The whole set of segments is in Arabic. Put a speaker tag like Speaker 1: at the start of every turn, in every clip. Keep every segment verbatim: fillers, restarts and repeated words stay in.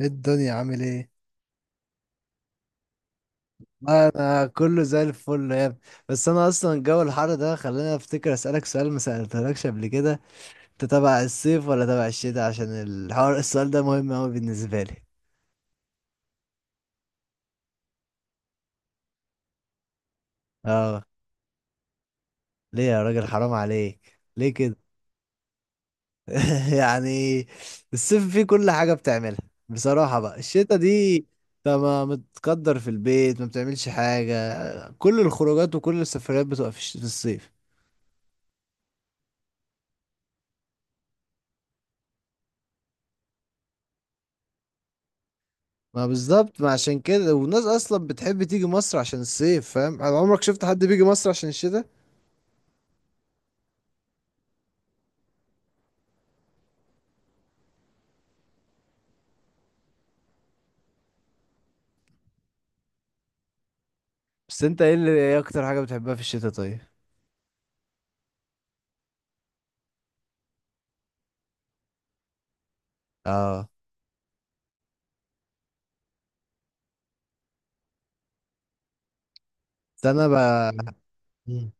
Speaker 1: ايه الدنيا عامل ايه؟ ما انا كله زي الفل يا ابني. بس انا اصلا جو الحر ده خلاني افتكر اسالك سؤال ما سالتهولكش قبل كده. انت تبع الصيف ولا تبع الشتاء؟ عشان الحوار السؤال ده مهم اوي بالنسبه لي. اه، ليه يا راجل؟ حرام عليك. ليه كده؟ يعني الصيف فيه كل حاجه بتعملها. بصراحه بقى الشتاء دي، انت ما متقدر في البيت، ما بتعملش حاجه. كل الخروجات وكل السفريات بتبقى في الش- في الصيف. ما بالظبط، ما عشان كده والناس اصلا بتحب تيجي مصر عشان الصيف. فاهم؟ على عمرك شفت حد بيجي مصر عشان الشتاء؟ بس انت ايه اللي ايه اكتر حاجة بتحبها في الشتاء؟ طيب. اه، ده انا بقى. مم.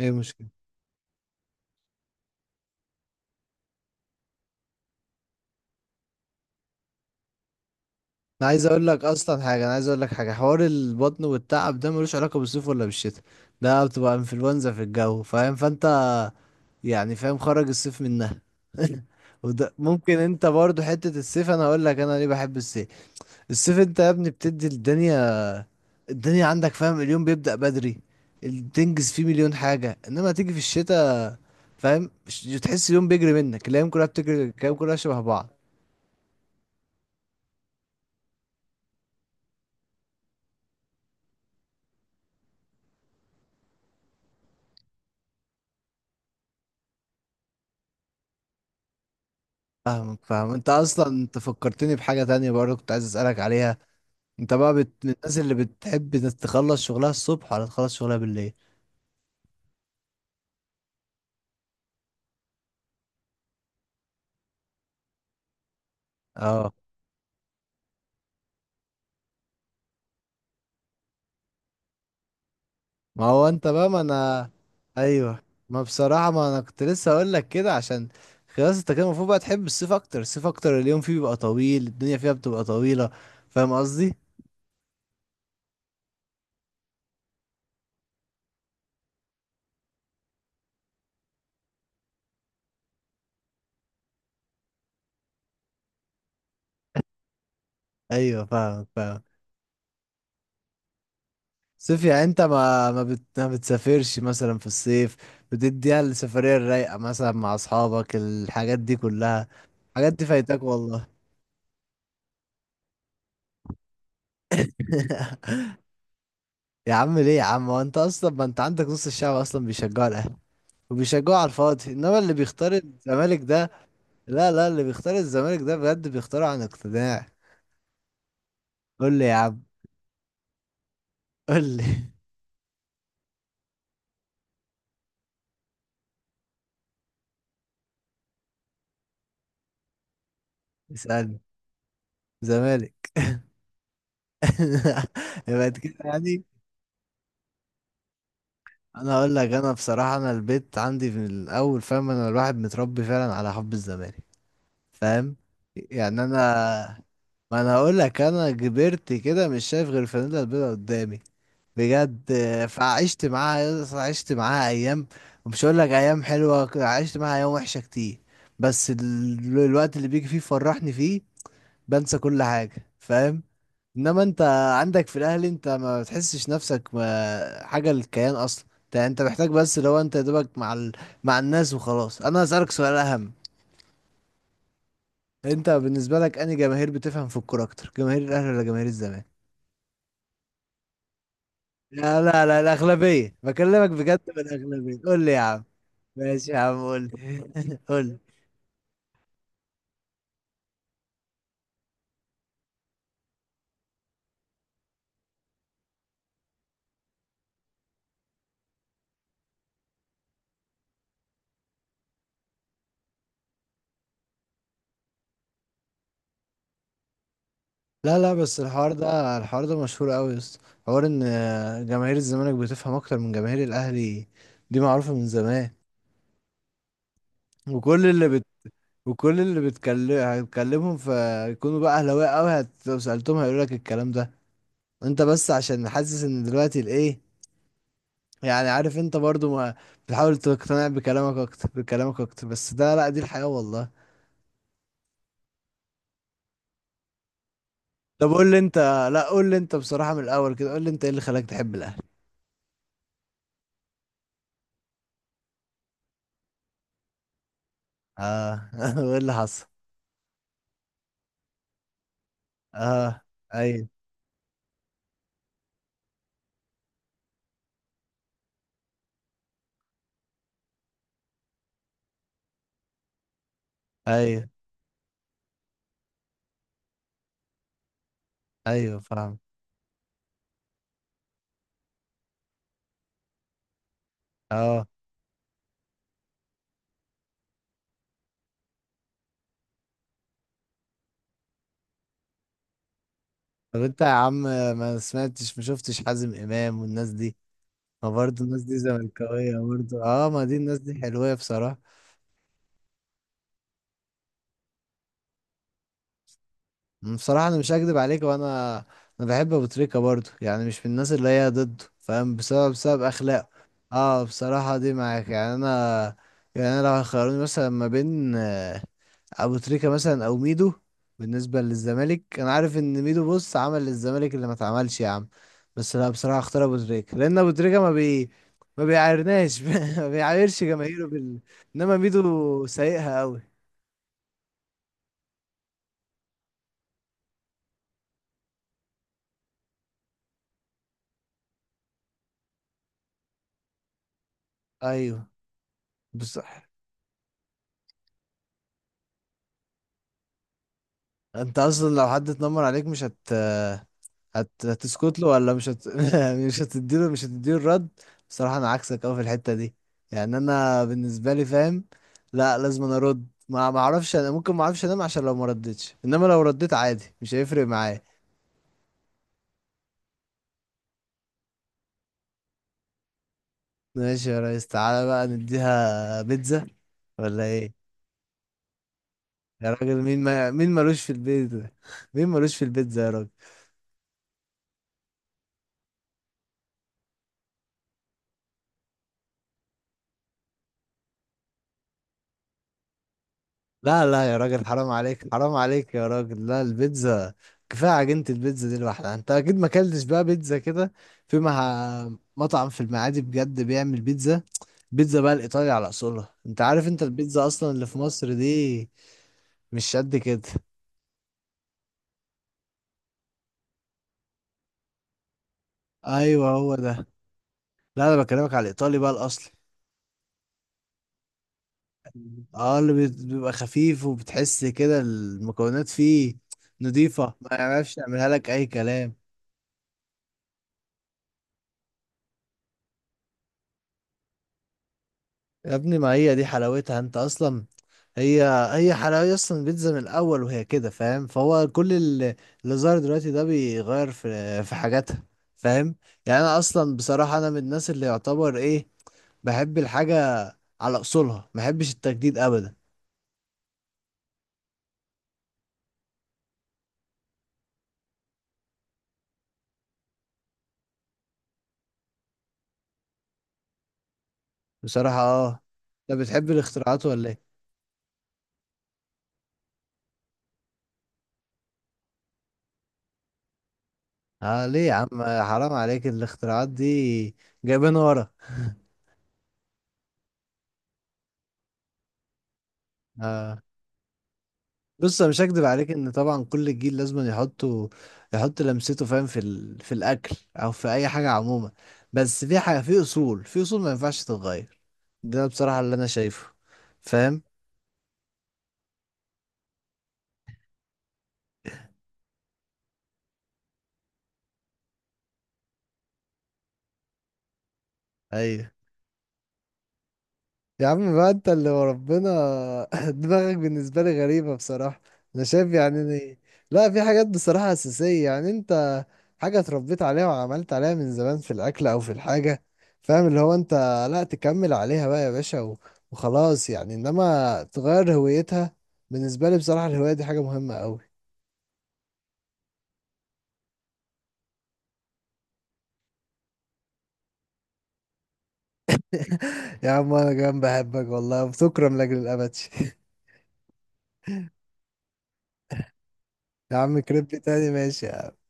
Speaker 1: ايه المشكلة؟ انا عايز اقول لك اصلا حاجة، انا عايز اقول لك حاجة، حوار البطن والتعب ده ملوش علاقة بالصيف ولا بالشتاء. ده بتبقى انفلونزا في الجو، فاهم؟ فانت يعني فاهم خرج الصيف منها. وده ممكن انت برضو حتة الصيف. انا هقول لك انا ليه بحب الصيف. الصيف انت يا ابني بتدي الدنيا. الدنيا عندك، فاهم، اليوم بيبدأ بدري. ال- تنجز فيه مليون حاجة، انما تيجي في الشتاء، فاهم ش- تحس اليوم بيجري منك. الايام كلها بتجري، الايام كلها شبه بعض. فاهمك فاهم. انت اصلا انت فكرتني بحاجة تانية برضه كنت عايز اسألك عليها. انت بقى بت... من الناس اللي بتحب إنك تخلص شغلها الصبح ولا تخلص شغلها بالليل؟ اه. ما هو انت بقى ما انا. ايوه، ما بصراحة ما انا كنت لسه اقول لك كده عشان خلاص. انت كده المفروض بقى تحب الصيف اكتر. الصيف اكتر اليوم فيه بيبقى طويل، الدنيا فيها بتبقى طويلة. فاهم قصدي؟ ايوه فاهمك فاهم. صيف يعني؟ انت ما ما, بت... ما بتسافرش مثلا في الصيف؟ بتديها السفرية الرايقة مثلا مع اصحابك، الحاجات دي كلها. الحاجات دي فايتك والله. يا عم ليه يا عم؟ هو انت اصلا ما انت عندك نص الشعب اصلا بيشجعوا الاهلي وبيشجعوا على الفاضي. انما اللي بيختار الزمالك ده، لا لا، اللي بيختار الزمالك ده بجد بيختاره عن اقتناع. قول لي يا عم. قول لي. اسألني. زمالك. يبقى كده يعني. انا اقول لك، انا بصراحه انا البيت عندي من الاول، فاهم، انا الواحد متربي فعلا على حب الزمالك. فاهم يعني؟ انا، ما انا هقول لك، انا كبرت كده مش شايف غير الفانيلا البيضاء قدامي بجد. آه، فعشت معاها، عشت معاها ايام. ومش هقول لك ايام حلوه، عشت معاها ايام وحشه كتير. بس ال... الوقت اللي بيجي فيه فرحني فيه بنسى كل حاجه، فاهم؟ انما انت عندك في الاهلي انت ما بتحسش نفسك ما- حاجه للكيان اصلا. انت انت محتاج بس. لو انت يا دوبك مع ال... مع الناس وخلاص. انا هسألك سؤال اهم. انت بالنسبه لك، انهي جماهير بتفهم في الكوره اكتر، جماهير الاهلي ولا جماهير الزمالك؟ لا لا لا، الاغلبيه بكلمك، بجد من الاغلبيه. قول لي يا عم. ماشي يا عم، قول لي. قول لي. لا لا، بس الحوار ده الحوار ده مشهور قوي يا اسطى. حوار ان جماهير الزمالك بتفهم اكتر من جماهير الاهلي، دي معروفه من زمان. وكل اللي وكل اللي بتكلم هتكلمهم فيكونوا بقى اهلاويه قوي، هت- لو سالتهم هيقول لك الكلام ده. انت بس عشان حاسس ان دلوقتي الايه، يعني عارف انت برضو ما بتحاول تقتنع بكلامك اكتر، بكلامك اكتر. بس ده لا، دي الحياه والله. طب قول لي انت. لا قول لي انت بصراحه من الاول كده، قول لي انت ايه اللي خلاك تحب الاهلي. اه. وايه اللي حصل؟ اه. ايوه ايوه ايوه فاهم. اه طب انت يا عم، ما سمعتش، ما شفتش حازم امام والناس دي؟ ما برضه الناس دي زملكاوية برضه. اه، ما دي الناس دي حلوة بصراحة. أمم، بصراحة انا مش هكدب عليك، وانا انا بحب ابو تريكة برضه، يعني مش من الناس اللي هي ضده، فاهم، بسبب بسبب اخلاقه. اه بصراحة دي معاك. يعني انا، يعني انا لو هيخيروني مثلا ما بين ابو تريكة مثلا او ميدو، بالنسبة للزمالك انا عارف ان ميدو بص عمل للزمالك اللي ما اتعملش يا عم. بس لا بصراحة اختار ابو تريكة، لان ابو تريكة ما بي ما بيعايرناش. ما بيعايرش جماهيره بال. انما ميدو سايقها قوي. ايوه بصح. انت اصلا لو حد اتنمر عليك مش هت هت... هتسكت له، ولا مش هت... مش هتديله مش هتديله الرد. بصراحة انا عكسك اوي في الحتة دي. يعني انا بالنسبة لي فاهم لا لازم انا ارد. ما ما اعرفش، انا ممكن ما اعرفش انام عشان لو ما ردتش. انما لو رديت عادي مش هيفرق معايا. ماشي يا ريس، تعالى بقى نديها بيتزا ولا ايه؟ يا راجل، مين ما... مين ملوش في البيتزا؟ مين ملوش في البيتزا يا راجل؟ لا لا يا راجل، حرام عليك، حرام عليك يا راجل، لا البيتزا. كفايه عجينه البيتزا دي لوحدها. انت اكيد ما اكلتش بقى بيتزا كده. في مع، مطعم في المعادي بجد بيعمل بيتزا، بيتزا بقى الايطالي على اصولها. انت عارف انت البيتزا اصلا اللي في مصر دي مش قد كده. ايوه هو ده. لا انا بكلمك على الايطالي بقى الاصلي. اه اللي بيت- بيبقى خفيف، وبتحس كده المكونات فيه نضيفه، ما يعرفش يعملها لك اي كلام. يا ابني ما هي دي حلاوتها. انت اصلا هي هي حلاوه اصلا البيتزا من الاول، وهي كده فاهم. فهو كل ال- اللي ظهر دلوقتي ده بيغير في في حاجاتها، فاهم؟ يعني انا اصلا بصراحه انا من الناس اللي يعتبر ايه، بحب الحاجه على اصولها، ما بحبش التجديد ابدا. بصراحه اه. انت بتحب الاختراعات ولا ايه؟ اه ليه يا عم؟ حرام عليك الاختراعات دي، جايبين ورا. آه. بص انا مش هكدب عليك ان طبعا كل جيل لازم يحطوا، يحط لمسته، فاهم، في ال... في الاكل او في اي حاجه عموما، بس في حاجه في اصول في اصول ما ينفعش تتغير. ده بصراحه اللي انا شايفه، فاهم؟ ايوه يا عم بقى، انت اللي وربنا. دماغك بالنسبة لي غريبة بصراحة. انا شايف يعني، إن- لا، في حاجات بصراحة أساسية، يعني انت حاجة اتربيت عليها وعملت عليها من زمان، في الأكل أو في الحاجة، فاهم، اللي هو انت لا تكمل عليها بقى يا باشا و- وخلاص، يعني انما تغير هويتها، بالنسبة لي بصراحة الهواية دي حاجة مهمة أوي. يا عم انا كمان بحبك والله وبتكرم لأجل الأبد. يا عم كريب تاني، ماشي يا عم.